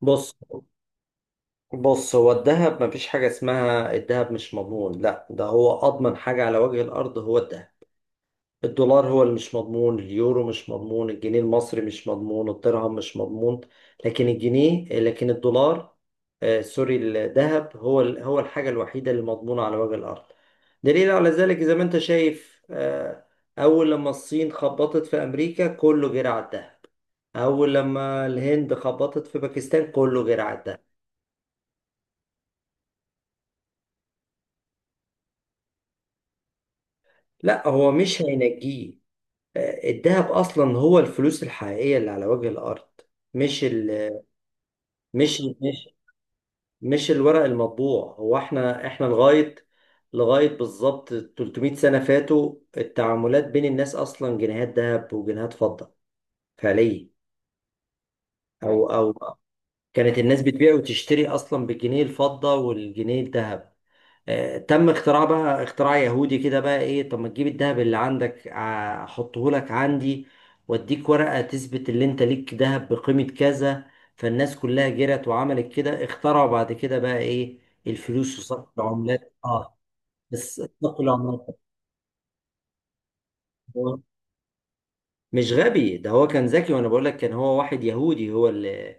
بص، بص، هو الذهب مفيش حاجة اسمها الذهب مش مضمون. لا، ده هو أضمن حاجة على وجه الأرض، هو الذهب. الدولار هو اللي مش مضمون، اليورو مش مضمون، الجنيه المصري مش مضمون، الدرهم مش مضمون. لكن الجنيه، لكن الدولار، آه سوري، الذهب هو هو الحاجة الوحيدة اللي مضمونة على وجه الأرض. دليل على ذلك زي ما أنت شايف، آه أول لما الصين خبطت في أمريكا كله جرى على الذهب، أول لما الهند خبطت في باكستان كله جرى على الذهب. لا، هو مش هينجيه. الذهب اصلا هو الفلوس الحقيقيه اللي على وجه الارض، مش ال مش مش الورق المطبوع. هو احنا لغايه بالظبط 300 سنه فاتوا، التعاملات بين الناس اصلا جنيهات ذهب وجنيهات فضه، فعليا. او كانت الناس بتبيع وتشتري اصلا بالجنيه الفضه والجنيه الذهب. تم اختراع بقى، اختراع يهودي كده، بقى ايه؟ طب ما تجيب الذهب اللي عندك، احطه لك عندي واديك ورقة تثبت اللي انت ليك ذهب بقيمة كذا. فالناس كلها جرت وعملت كده. اخترعوا بعد كده بقى ايه؟ الفلوس وصرف العملات. اه، بس صرف العملات. هو مش غبي، ده هو كان ذكي، وانا بقول لك كان هو واحد يهودي، هو اللي،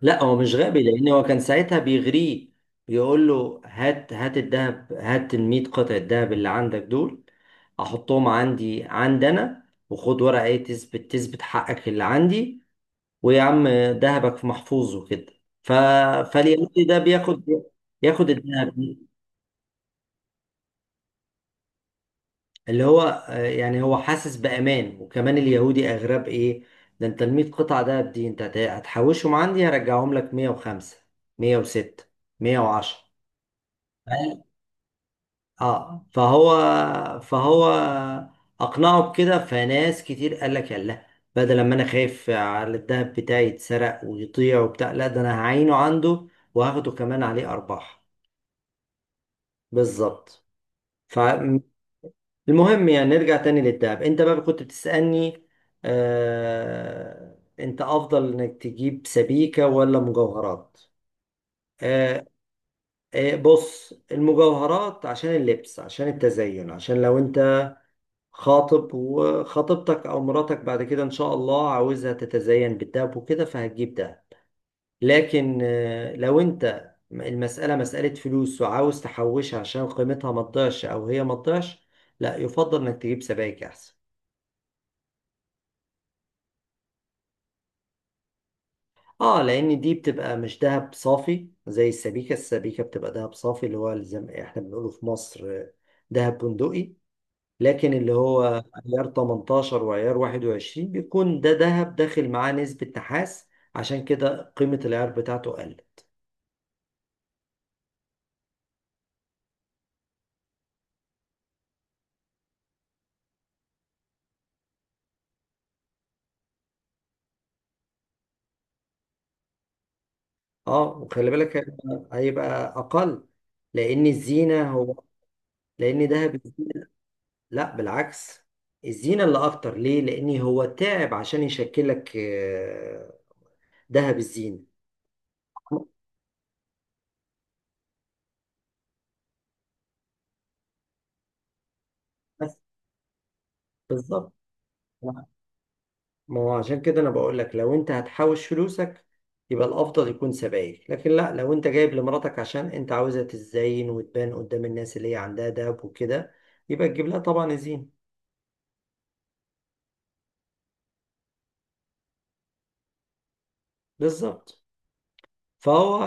لا هو مش غبي لان هو كان ساعتها بيغريه، بيقول له هات، هات الذهب، هات ال 100 قطعة الذهب اللي عندك دول احطهم عندي عندنا، وخد ورقة ايه، تثبت حقك اللي عندي، ويا عم، ذهبك محفوظ وكده. ف فاليهودي ده بياخد، ياخد الذهب اللي هو، يعني هو حاسس بأمان، وكمان اليهودي أغرب إيه، ده أنت ال 100 قطعة دهب دي أنت هتحوشهم عندي، هرجعهم لك 105، 106، 110. اه، فهو اقنعه بكده، فناس كتير قال لك يلا، بدل ما انا خايف على الدهب بتاعي يتسرق ويضيع وبتاع، لا ده انا هعينه عنده وهاخده كمان عليه ارباح. بالظبط. فالمهم، يعني نرجع تاني للدهب، انت بقى كنت بتسألني آه انت افضل انك تجيب سبيكة ولا مجوهرات. آه، آه بص، المجوهرات عشان اللبس، عشان التزين، عشان لو انت خاطب وخطيبتك او مراتك بعد كده ان شاء الله عاوزها تتزين بالدهب وكده فهتجيب ده. لكن لو انت المسألة مسألة فلوس وعاوز تحوشها عشان قيمتها ما تضيعش او هي ما تضيعش، لا يفضل انك تجيب سبائك احسن. اه، لان دي بتبقى مش دهب صافي زي السبيكة. السبيكة بتبقى دهب صافي، اللي هو زي ما احنا بنقوله في مصر دهب بندقي. لكن اللي هو عيار 18 وعيار 21 بيكون ده ذهب داخل معاه نسبة نحاس، عشان كده قيمة العيار بتاعته قل. اه، وخلي بالك هيبقى، هيبقى أقل. لأن الزينة هو، لأن ذهب، لا بالعكس، الزينة اللي أكتر. ليه؟ لأن هو تعب عشان يشكل لك ذهب الزينة. بس بالظبط. ما هو عشان كده انا بقول لك لو انت هتحوش فلوسك يبقى الافضل يكون سبائك. لكن لا، لو انت جايب لمراتك عشان انت عاوزها تتزين وتبان قدام الناس اللي هي عندها دهب وكده، يبقى تجيب لها طبعا زين. بالظبط. فهو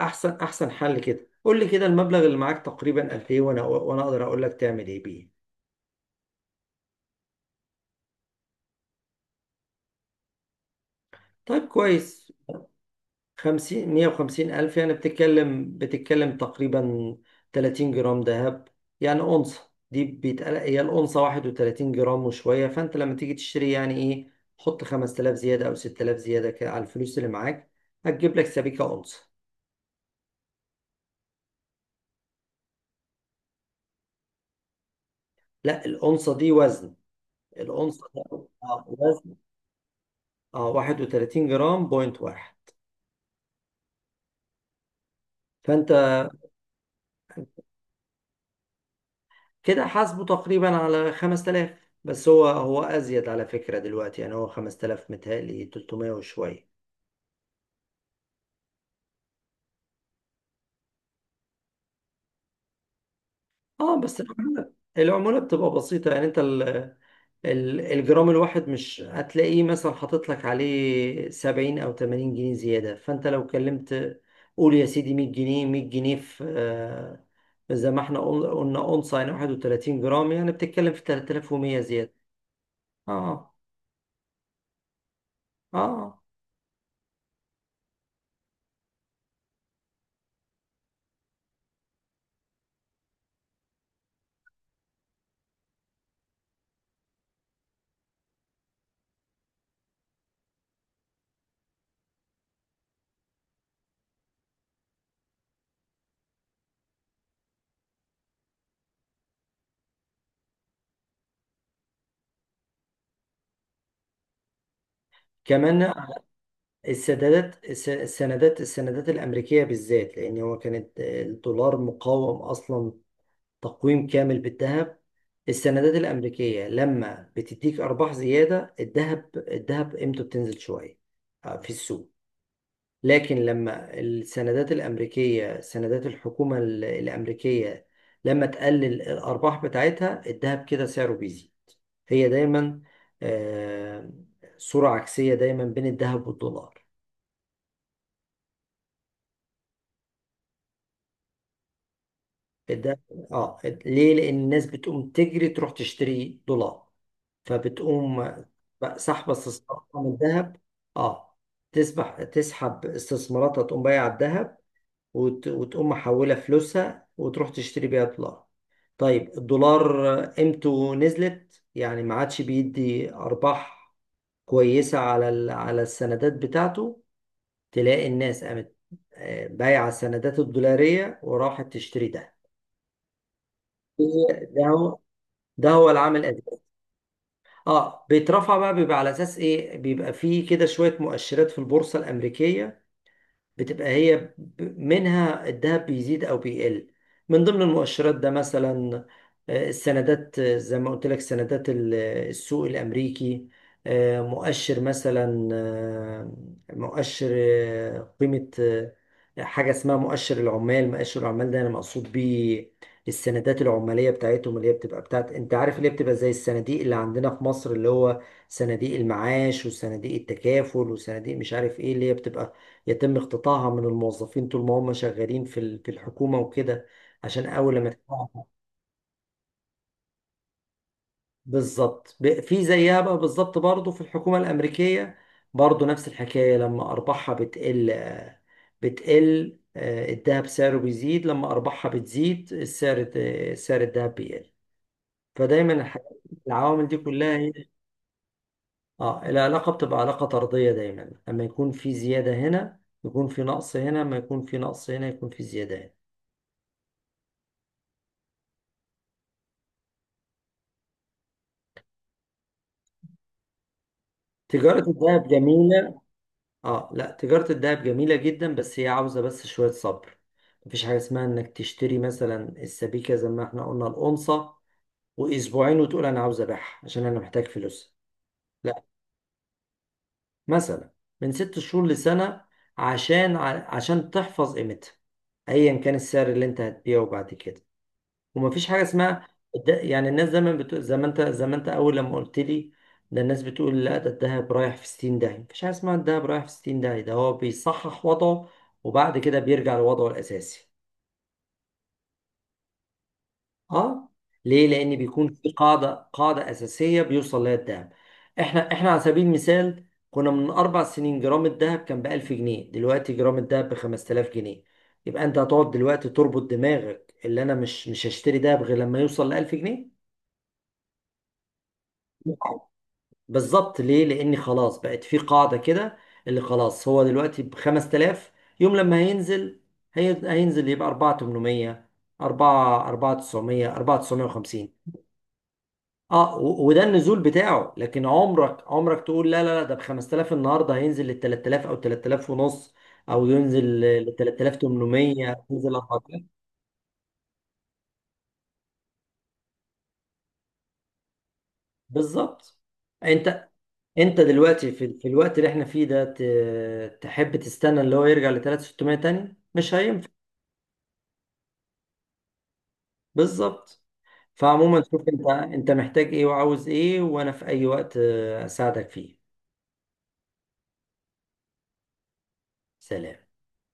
احسن احسن حل كده. قول لي كده المبلغ اللي معاك تقريبا قد ايه، وانا اقدر اقول لك تعمل ايه بيه. طيب كويس، خمسين، مية وخمسين ألف يعني، بتتكلم تقريبا تلاتين جرام ذهب. يعني أونصة دي بيتقال هي الأونصة واحد وتلاتين جرام وشوية. فأنت لما تيجي تشتري يعني إيه، حط خمس تلاف زيادة أو ست تلاف زيادة كده على الفلوس اللي معاك، هتجيب لك سبيكة أونصة. لا، الأونصة دي وزن، الأونصة ده وزن. اه، واحد وتلاتين جرام بوينت واحد. فأنت كده حاسبه تقريبا على خمس تلاف. بس هو، هو أزيد على فكرة دلوقتي، يعني هو خمس تلاف متهيألي تلتمية وشوية. اه بس العمولة، العمولة بتبقى بسيطة. يعني انت الجرام الواحد مش هتلاقيه مثلا حاطط لك عليه 70 او 80 جنيه زيادة. فانت لو كلمت قول يا سيدي 100 جنيه، 100 جنيه في زي ما احنا قلنا اونصه، يعني 31 جرام، يعني بتتكلم في 3100 زيادة. اه. اه كمان، السندات الامريكية بالذات، لان هو كانت الدولار مقاوم اصلا، تقويم كامل بالذهب. السندات الأمريكية لما بتديك أرباح زيادة، الذهب قيمته بتنزل شوية في السوق. لكن لما السندات الأمريكية، سندات الحكومة الأمريكية، لما تقلل الأرباح بتاعتها، الذهب كده سعره بيزيد. هي دايما آه، صورة عكسية دايما بين الذهب والدولار. الذهب، اه، ليه؟ لأن الناس بتقوم تجري تروح تشتري دولار، فبتقوم بقى سحب استثماراتها من الذهب. اه، تسبح، تسحب استثماراتها، تقوم بايعة الذهب، وتقوم محولة فلوسها وتروح تشتري بيها دولار. طيب، الدولار قيمته نزلت، يعني ما عادش بيدي أرباح كويسة على على السندات بتاعته، تلاقي الناس قامت بايعة السندات الدولارية وراحت تشتري ده. ده هو ده هو العامل الأساسي. اه بيترفع بقى، بيبقى على اساس ايه؟ بيبقى فيه كده شويه مؤشرات في البورصه الامريكيه بتبقى منها الذهب بيزيد او بيقل. من ضمن المؤشرات ده مثلا السندات، زي ما قلت لك سندات السوق الامريكي، مؤشر مثلا مؤشر قيمة حاجة اسمها مؤشر العمال. مؤشر العمال ده انا مقصود بيه السندات العمالية بتاعتهم، اللي هي بتبقى بتاعت انت عارف اللي هي بتبقى زي الصناديق اللي عندنا في مصر، اللي هو صناديق المعاش وصناديق التكافل وصناديق مش عارف ايه اللي هي بتبقى يتم اقتطاعها من الموظفين طول ما هم شغالين في في الحكومة وكده. عشان أول ما تقطعها بالظبط، في زيها بقى بالظبط برضه في الحكومة الأمريكية، برضه نفس الحكاية. لما أرباحها بتقل بتقل الذهب سعره بيزيد، لما أرباحها بتزيد السعر سعر الذهب بيقل. فدايما الحاجات، العوامل دي كلها هي، اه، العلاقة بتبقى علاقة طردية دايما، لما يكون في زيادة هنا يكون في نقص هنا، ما يكون في نقص هنا يكون في زيادة هنا. تجارة الذهب جميلة. اه لا، تجارة الذهب جميلة جدا، بس هي عاوزة بس شوية صبر. مفيش حاجة اسمها انك تشتري مثلا السبيكة زي ما احنا قلنا الأونصة وأسبوعين وتقول أنا عاوز أبيعها عشان أنا محتاج فلوس. لا، مثلا من ست شهور لسنة، عشان عشان تحفظ قيمتها أيا كان السعر اللي أنت هتبيعه بعد كده. ومفيش حاجه اسمها ده، يعني الناس دايما بتقول زي ما انت، زي ما انت اول لما قلت لي، ده الناس بتقول لا ده الدهب رايح في 60 داهيه. مفيش حاجه اسمها الدهب رايح في 60 داهيه، ده هو بيصحح وضعه وبعد كده بيرجع لوضعه الاساسي. اه، ليه؟ لان بيكون في قاعده، قاعده اساسيه بيوصل لها الدهب. احنا على سبيل المثال كنا من اربع سنين جرام الدهب كان ب 1000 جنيه، دلوقتي جرام الدهب ب 5000 جنيه. يبقى انت هتقعد دلوقتي تربط دماغك اللي انا مش هشتري دهب غير لما يوصل ل 1000 جنيه؟ بالظبط، ليه؟ لان خلاص بقت في قاعده كده، اللي خلاص هو دلوقتي ب 5000. يوم لما هينزل، هينزل يبقى 4800، 4، 4900، 4950. اه، وده النزول بتاعه. لكن عمرك، عمرك تقول لا لا لا، ده ب 5000 النهارده، هينزل لل 3000 او 3000 ونص، او ينزل ل 3800، ينزل 4000. بالظبط. انت، انت دلوقتي في، في الوقت اللي احنا فيه ده تحب تستنى اللي هو يرجع ل 3600 تاني؟ مش هينفع. بالظبط. فعموما شوف انت، انت محتاج ايه وعاوز ايه، وانا في اي وقت اساعدك فيه. سلام.